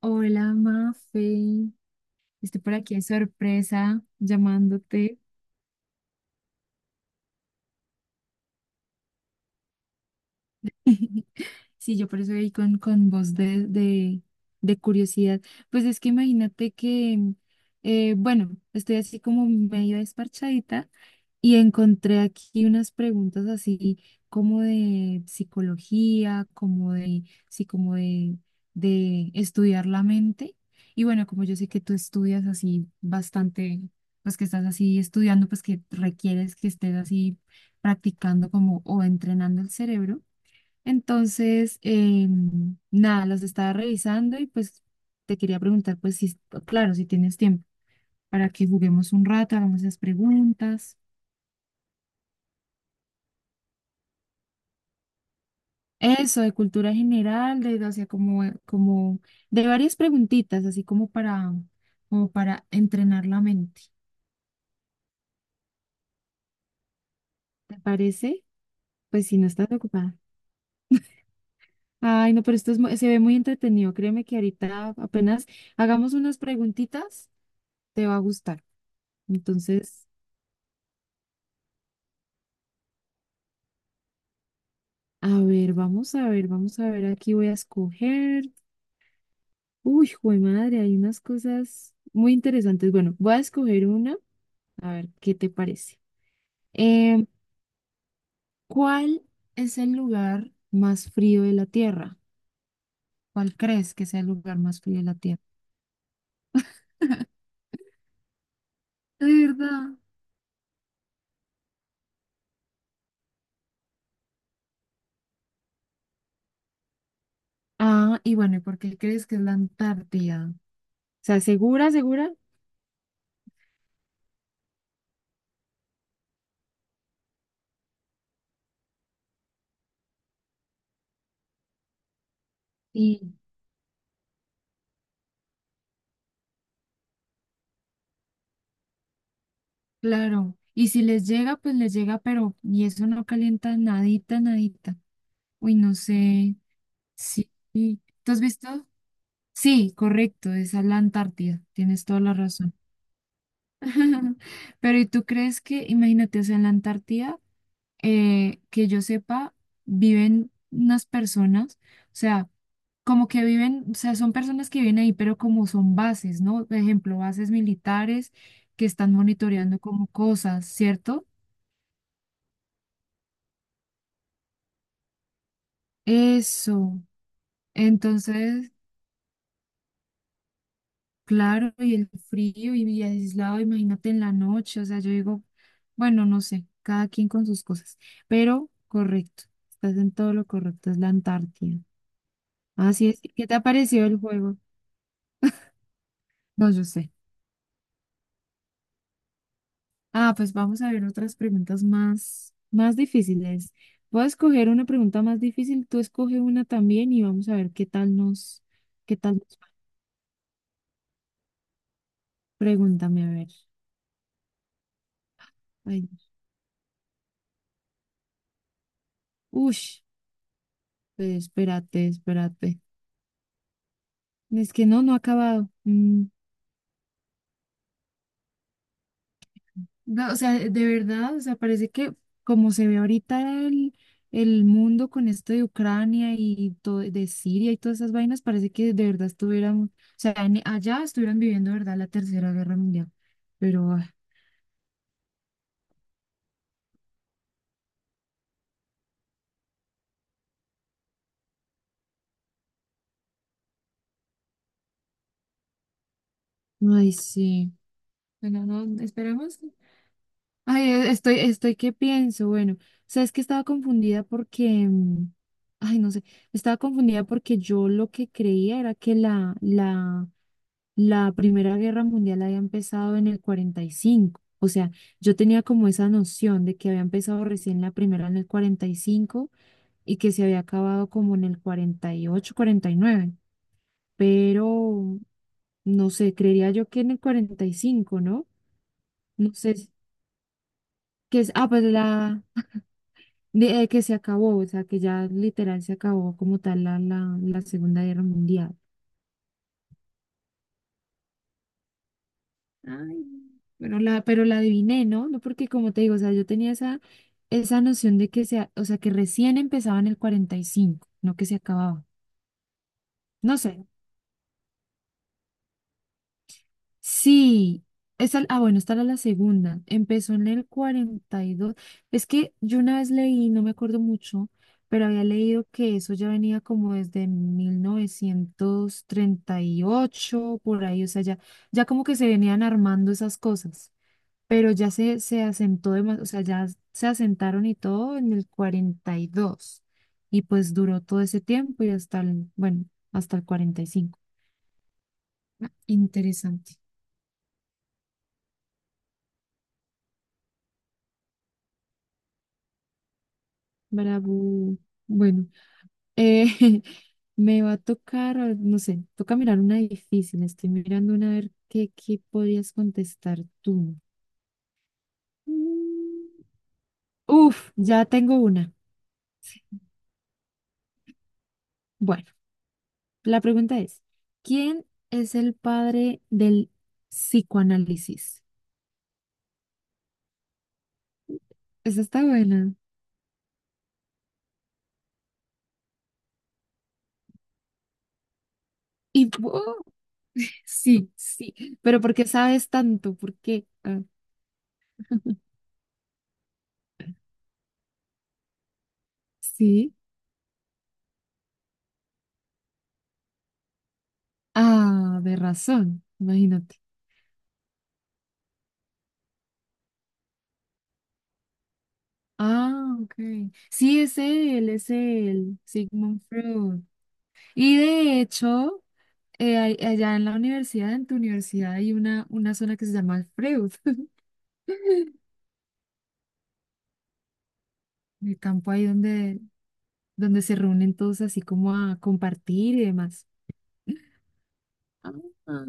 Hola, Mafe. Estoy por aquí de sorpresa llamándote. Sí, yo por eso ahí con voz de curiosidad. Pues es que imagínate que, bueno, estoy así como medio desparchadita y encontré aquí unas preguntas así como de psicología, como de, sí, como de estudiar la mente. Y bueno, como yo sé que tú estudias así bastante, pues que estás así estudiando, pues que requieres que estés así practicando como o entrenando el cerebro. Entonces, nada, los estaba revisando y pues te quería preguntar, pues si, claro, si tienes tiempo para que juguemos un rato, hagamos esas preguntas. Eso, de cultura general, de, o sea, como, como de varias preguntitas, así como para, como para entrenar la mente. ¿Te parece? Pues si no estás ocupada. Ay, no, pero esto es, se ve muy entretenido. Créeme que ahorita apenas hagamos unas preguntitas, te va a gustar. Entonces. A ver, vamos a ver, vamos a ver, aquí voy a escoger. Uy, jue madre, hay unas cosas muy interesantes. Bueno, voy a escoger una, a ver qué te parece. Em, ¿cuál es el lugar más frío de la Tierra? ¿Cuál crees que sea el lugar más frío de la Tierra? De verdad. Ah, y bueno, ¿y por qué crees que es la Antártida? O sea, ¿segura, segura? Sí. Claro. Y si les llega, pues les llega, pero y eso no calienta nadita, nadita. Uy, no sé. Sí. ¿Tú has visto? Sí, correcto, esa es a la Antártida, tienes toda la razón. Pero ¿y tú crees que, imagínate, o sea, en la Antártida, que yo sepa, viven unas personas, o sea, como que viven, o sea, son personas que viven ahí, pero como son bases, ¿no? Por ejemplo, bases militares que están monitoreando como cosas, ¿cierto? Eso. Entonces. Claro, y el frío y aislado, imagínate en la noche, o sea, yo digo, bueno, no sé, cada quien con sus cosas, pero correcto, estás en todo lo correcto, es la Antártida. Así es, ¿qué te ha parecido el juego? No, yo sé. Ah, pues vamos a ver otras preguntas más, más difíciles. Voy a escoger una pregunta más difícil, tú escoge una también y vamos a ver. Qué tal nos- Pregúntame, a ver. Ay, ush, pues, espérate, espérate. Es que no, no ha acabado. Mm. No, o sea, de verdad, o sea, parece que como se ve ahorita el, el mundo con esto de Ucrania y todo, de Siria y todas esas vainas, parece que de verdad estuvieran, o sea, allá estuvieran viviendo, de verdad, la Tercera Guerra Mundial. Pero, ay, ay, sí. Bueno, no, esperemos. Ay, estoy, ¿qué pienso? Bueno, o sea, es que estaba confundida porque, ay, no sé, estaba confundida porque yo lo que creía era que la Primera Guerra Mundial había empezado en el 45. O sea, yo tenía como esa noción de que había empezado recién la primera en el 45 y que se había acabado como en el cuarenta y ocho, 49. Pero, no sé, creería yo que en el 45, ¿no? No sé, que es, pues que se acabó, o sea, que ya literal se acabó como tal la Segunda Guerra Mundial. Ay, bueno, pero la adiviné, ¿no? No, porque como te digo, o sea, yo tenía esa noción de que se, o sea, que recién empezaba en el 45, no que se acababa. No sé. Sí. Esa, bueno, esta era la segunda. Empezó en el 42. Es que yo una vez leí, no me acuerdo mucho, pero había leído que eso ya venía como desde 1938 por ahí, o sea, ya como que se venían armando esas cosas. Pero ya se asentó, o sea, ya se asentaron y todo en el 42 y pues duró todo ese tiempo y bueno, hasta el 45. Ah, interesante. Bravo. Bueno, eh, me va a tocar, no sé, toca mirar una difícil. Estoy mirando una a ver qué podrías contestar tú. Mm, Uf, ya tengo una. Sí, bueno. La pregunta es, ¿quién es el padre del psicoanálisis? Esa está buena. Y ¡oh! sí, sí, pero ¿por qué sabes tanto? ¿Por qué? Ah, sí. Ah, de razón, imagínate. Ah, ok. Sí, es él, Sigmund Freud. Y de hecho, allá en la universidad, en tu universidad, hay una zona que se llama Freud. El campo ahí donde se reúnen todos así como a compartir y demás. Ah, ah.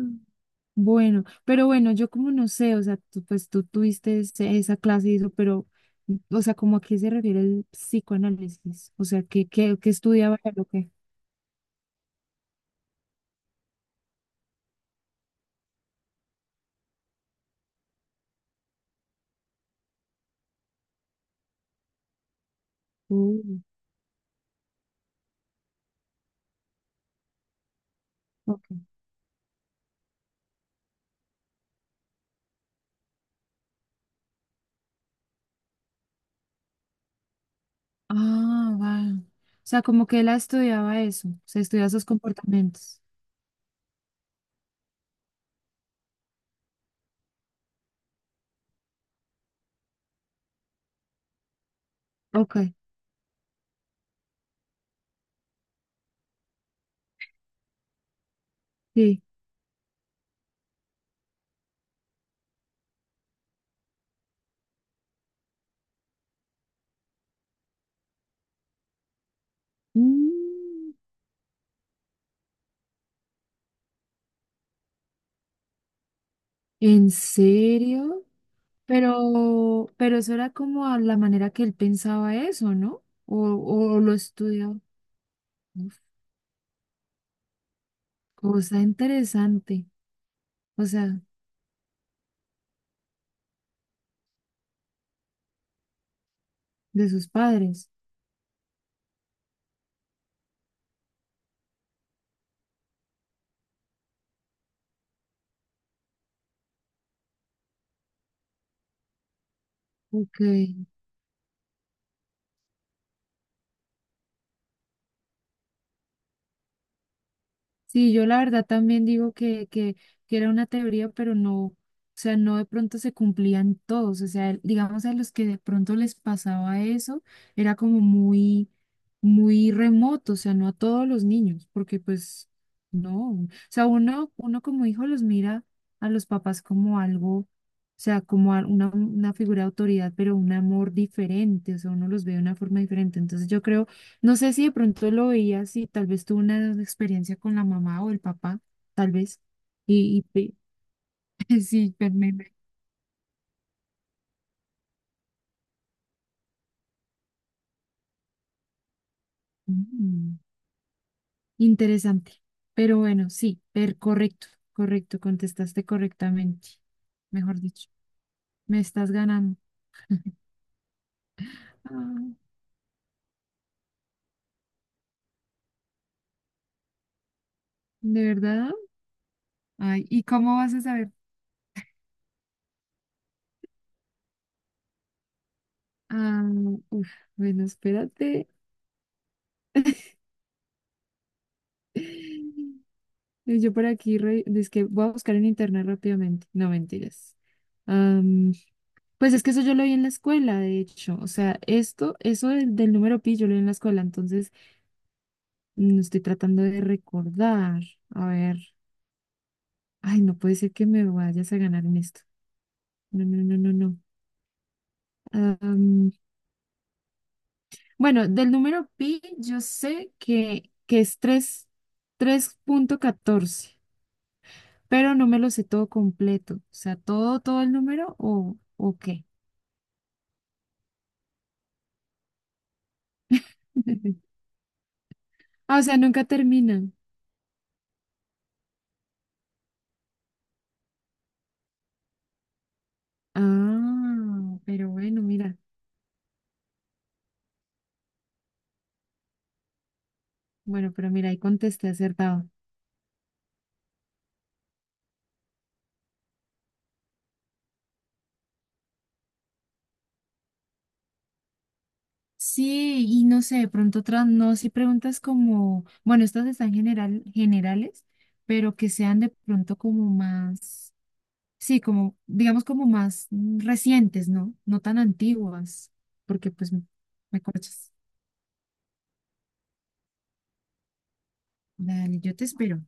Bueno, pero bueno, yo como no sé, o sea, tú, pues tú tuviste esa clase y eso, pero, o sea, ¿como a qué se refiere el psicoanálisis? O sea, ¿qué estudiaba él o qué? Uh, ok. Ah, vale. O sea, como que él estudiaba eso, o sea, estudiaba esos comportamientos. Ok, sí. Mm, ¿en serio? Pero, eso era como a la manera que él pensaba eso, ¿no? O lo estudió. Uf, cosa interesante. O sea, de sus padres. Ok. Sí, yo la verdad también digo que, que era una teoría, pero no, o sea, no de pronto se cumplían todos, o sea, digamos a los que de pronto les pasaba eso, era como muy, muy remoto, o sea, no a todos los niños, porque pues no, o sea, uno como hijo los mira a los papás como algo, o sea, como una figura de autoridad, pero un amor diferente, o sea, uno los ve de una forma diferente, entonces yo creo no sé si de pronto lo veías y tal vez tuvo una experiencia con la mamá o el papá, tal vez. Y, y pe- sí, mm, interesante. Pero bueno, sí, correcto, correcto, contestaste correctamente. Mejor dicho, me estás ganando. Ah, ¿de verdad? Ay, ¿y cómo vas a saber? Ah, uf, bueno, espérate. Yo por aquí, es que voy a buscar en internet rápidamente. No, mentiras. Pues es que eso yo lo vi en la escuela, de hecho. O sea, eso del número pi, yo lo vi en la escuela. Entonces, estoy tratando de recordar. A ver. Ay, no puede ser que me vayas a ganar en esto. No, no, no, no, no. Am, bueno, del número pi, yo sé que, es 3,14, pero no me lo sé todo completo. O sea, todo el número o qué. Ah, o sea, nunca terminan. Ah, pero bueno, mira. Bueno, pero mira, ahí contesté acertado. Sí, y no sé, de pronto otras, no, si preguntas como, bueno, estas están generales, pero que sean de pronto como más, sí, como, digamos como más recientes, ¿no? No tan antiguas, porque pues me corchas. Dale, yo te espero.